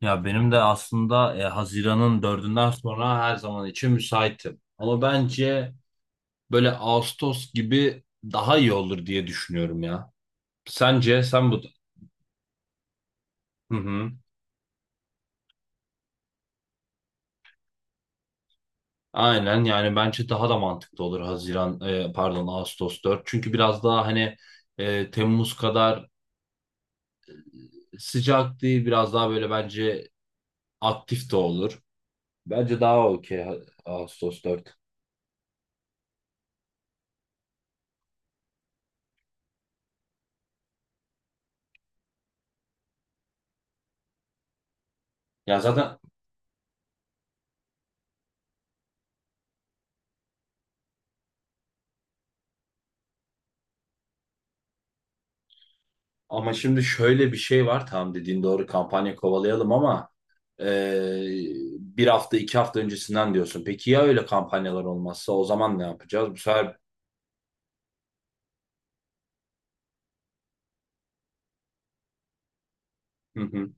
Ya benim de aslında Haziran'ın dördünden sonra her zaman için müsaitim. Ama bence böyle Ağustos gibi daha iyi olur diye düşünüyorum ya. Sence sen bu... Hı hı. Aynen yani bence daha da mantıklı olur Haziran pardon Ağustos 4. Çünkü biraz daha hani Temmuz kadar sıcak değil biraz daha böyle bence aktif de olur. Bence daha okey Ağustos 4. Ya zaten. Ama şimdi şöyle bir şey var. Tamam dediğin doğru kampanya kovalayalım ama eee, bir hafta iki hafta öncesinden diyorsun. Peki ya öyle kampanyalar olmazsa o zaman ne yapacağız? Bu sefer... Hı hı.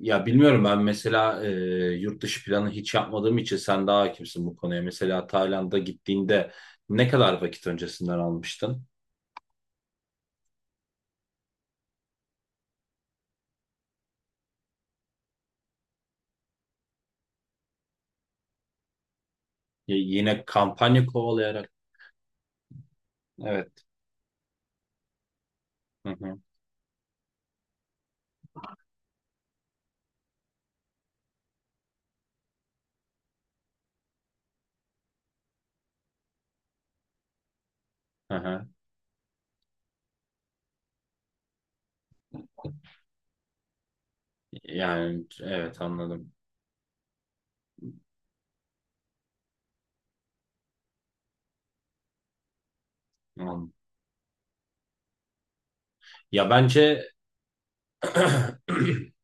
Ya bilmiyorum ben mesela yurt dışı planı hiç yapmadığım için sen daha hakimsin bu konuya. Mesela Tayland'a gittiğinde ne kadar vakit öncesinden almıştın? Yine kampanya kovalayarak. Evet. Hı hı. Hı hı. Yani evet anladım. Anladım. Ya bence...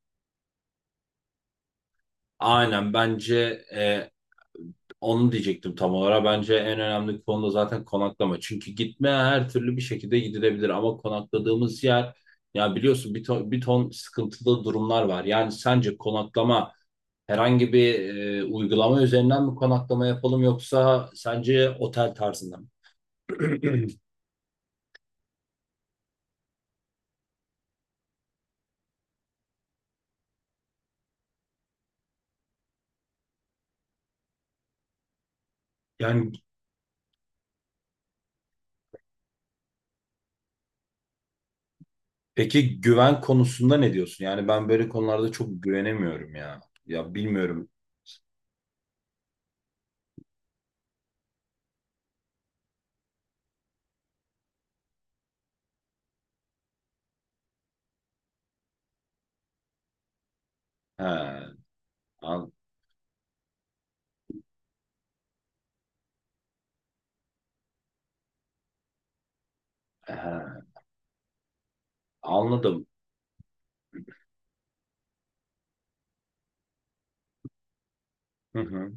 Aynen bence e, onu diyecektim tam olarak. Bence en önemli konu da zaten konaklama. Çünkü gitme her türlü bir şekilde gidilebilir ama konakladığımız yer, ya biliyorsun, bir ton, bir ton sıkıntılı durumlar var. Yani sence konaklama herhangi bir uygulama üzerinden mi konaklama yapalım, yoksa sence otel tarzında mı? Yani peki güven konusunda ne diyorsun? Yani ben böyle konularda çok güvenemiyorum ya. Ya bilmiyorum. He, an- he, anladım. Hı hı.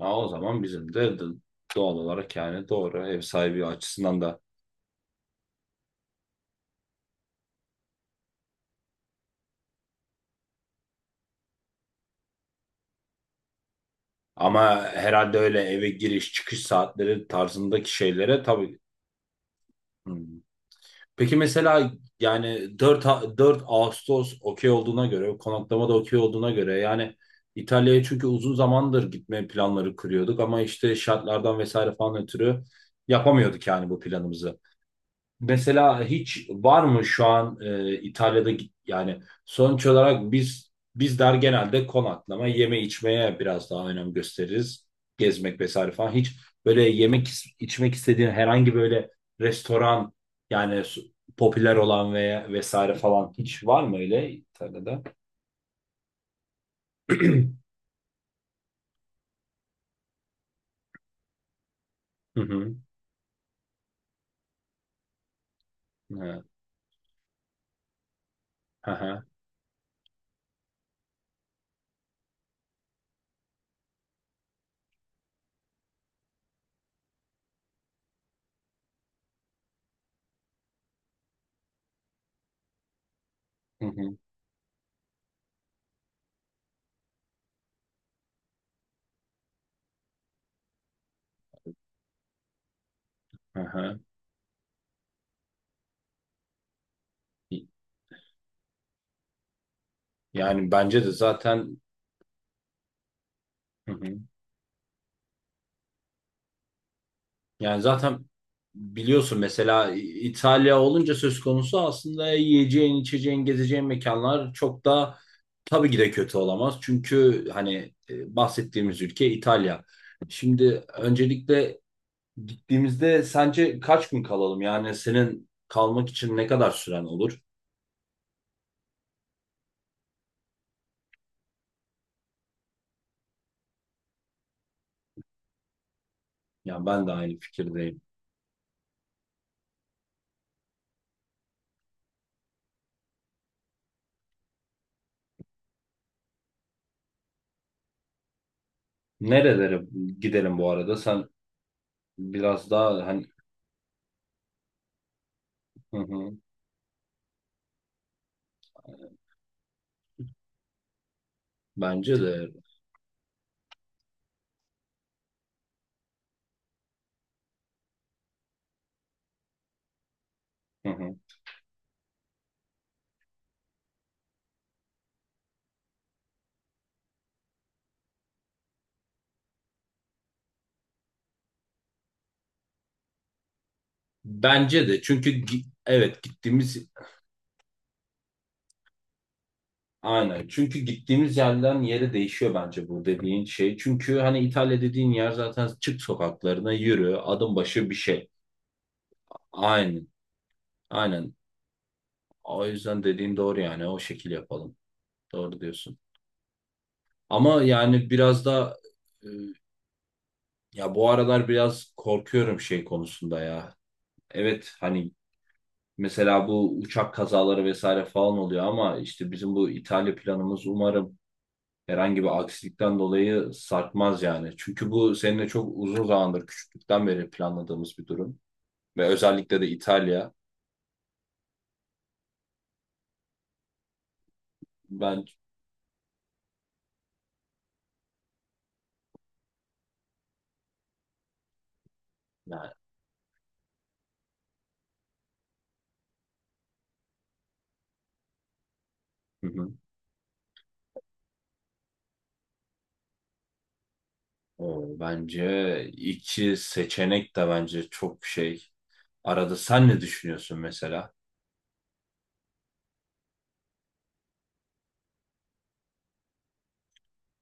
Ha, o zaman bizim de doğal olarak, yani doğru, ev sahibi açısından da. Ama herhalde öyle eve giriş çıkış saatleri tarzındaki şeylere tabii. Hı. Peki mesela yani 4 Ağustos okey olduğuna göre, konaklama da okey olduğuna göre yani İtalya'ya, çünkü uzun zamandır gitme planları kuruyorduk ama işte şartlardan vesaire falan ötürü yapamıyorduk yani bu planımızı. Mesela hiç var mı şu an İtalya'da yani sonuç olarak biz bizler genelde konaklama, yeme içmeye biraz daha önem gösteririz. Gezmek vesaire falan. Hiç böyle yemek içmek istediğin herhangi böyle restoran, yani popüler olan veya vesaire falan hiç var mı öyle İtalya'da? Hı hı. Hı hı. Hı hı. Hı hı. Hı. Yani bence de zaten, hı hı. Yani zaten biliyorsun mesela İtalya olunca söz konusu, aslında yiyeceğin, içeceğin, gezeceğin mekanlar çok da tabii ki de kötü olamaz. Çünkü hani bahsettiğimiz ülke İtalya. Şimdi öncelikle gittiğimizde sence kaç gün kalalım? Yani senin kalmak için ne kadar süren olur? Yani ben de aynı fikirdeyim. Nerelere gidelim bu arada? Sen biraz daha hani, hı hı, bence de, hı hı. Bence de çünkü evet, gittiğimiz... Aynen. Çünkü gittiğimiz yerden yere değişiyor bence bu dediğin şey. Çünkü hani İtalya dediğin yer, zaten çık sokaklarına yürü, adım başı bir şey. Aynen. Aynen. O yüzden dediğin doğru yani. O şekil yapalım. Doğru diyorsun. Ama yani biraz da e, ya bu aralar biraz korkuyorum şey konusunda ya. Evet hani mesela bu uçak kazaları vesaire falan oluyor, ama işte bizim bu İtalya planımız umarım herhangi bir aksilikten dolayı sarkmaz yani. Çünkü bu seninle çok uzun zamandır, küçüklükten beri planladığımız bir durum. Ve özellikle de İtalya. Ben, yani, hı hı. O, bence iki seçenek de bence çok şey. Arada sen ne düşünüyorsun mesela?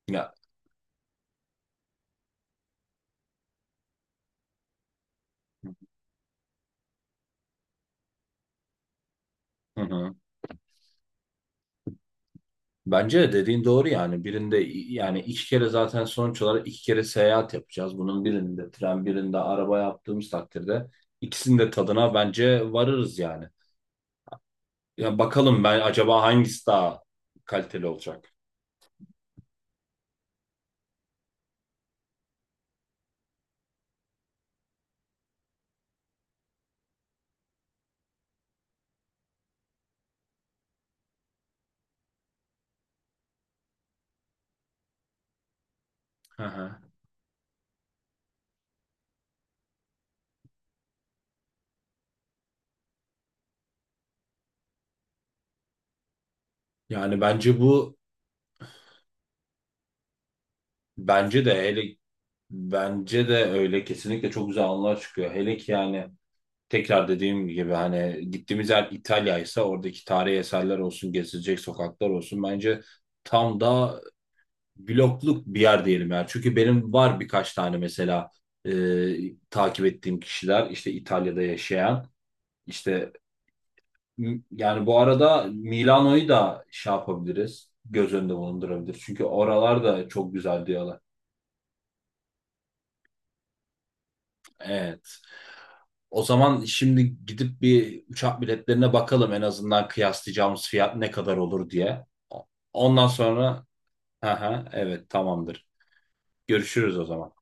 Ya, hı hı. Bence de dediğin doğru yani birinde yani iki kere, zaten sonuç olarak iki kere seyahat yapacağız. Bunun birinde tren, birinde araba yaptığımız takdirde ikisinin de tadına bence varırız yani. Ya bakalım, ben acaba hangisi daha kaliteli olacak? Hı hı. Yani bence bu, bence de hele, bence de öyle, kesinlikle çok güzel anılar çıkıyor. Hele ki yani, tekrar dediğim gibi, hani gittiğimiz yer İtalya ise, oradaki tarihi eserler olsun, gezilecek sokaklar olsun, bence tam da blokluk bir yer diyelim yani. Çünkü benim var birkaç tane mesela, e, takip ettiğim kişiler, işte İtalya'da yaşayan, işte... Yani bu arada Milano'yu da şey yapabiliriz. Göz önünde bulundurabiliriz. Çünkü oralar da çok güzel diyorlar. Evet. O zaman şimdi gidip bir uçak biletlerine bakalım, en azından kıyaslayacağımız fiyat ne kadar olur diye. Ondan sonra, aha, evet, tamamdır. Görüşürüz o zaman.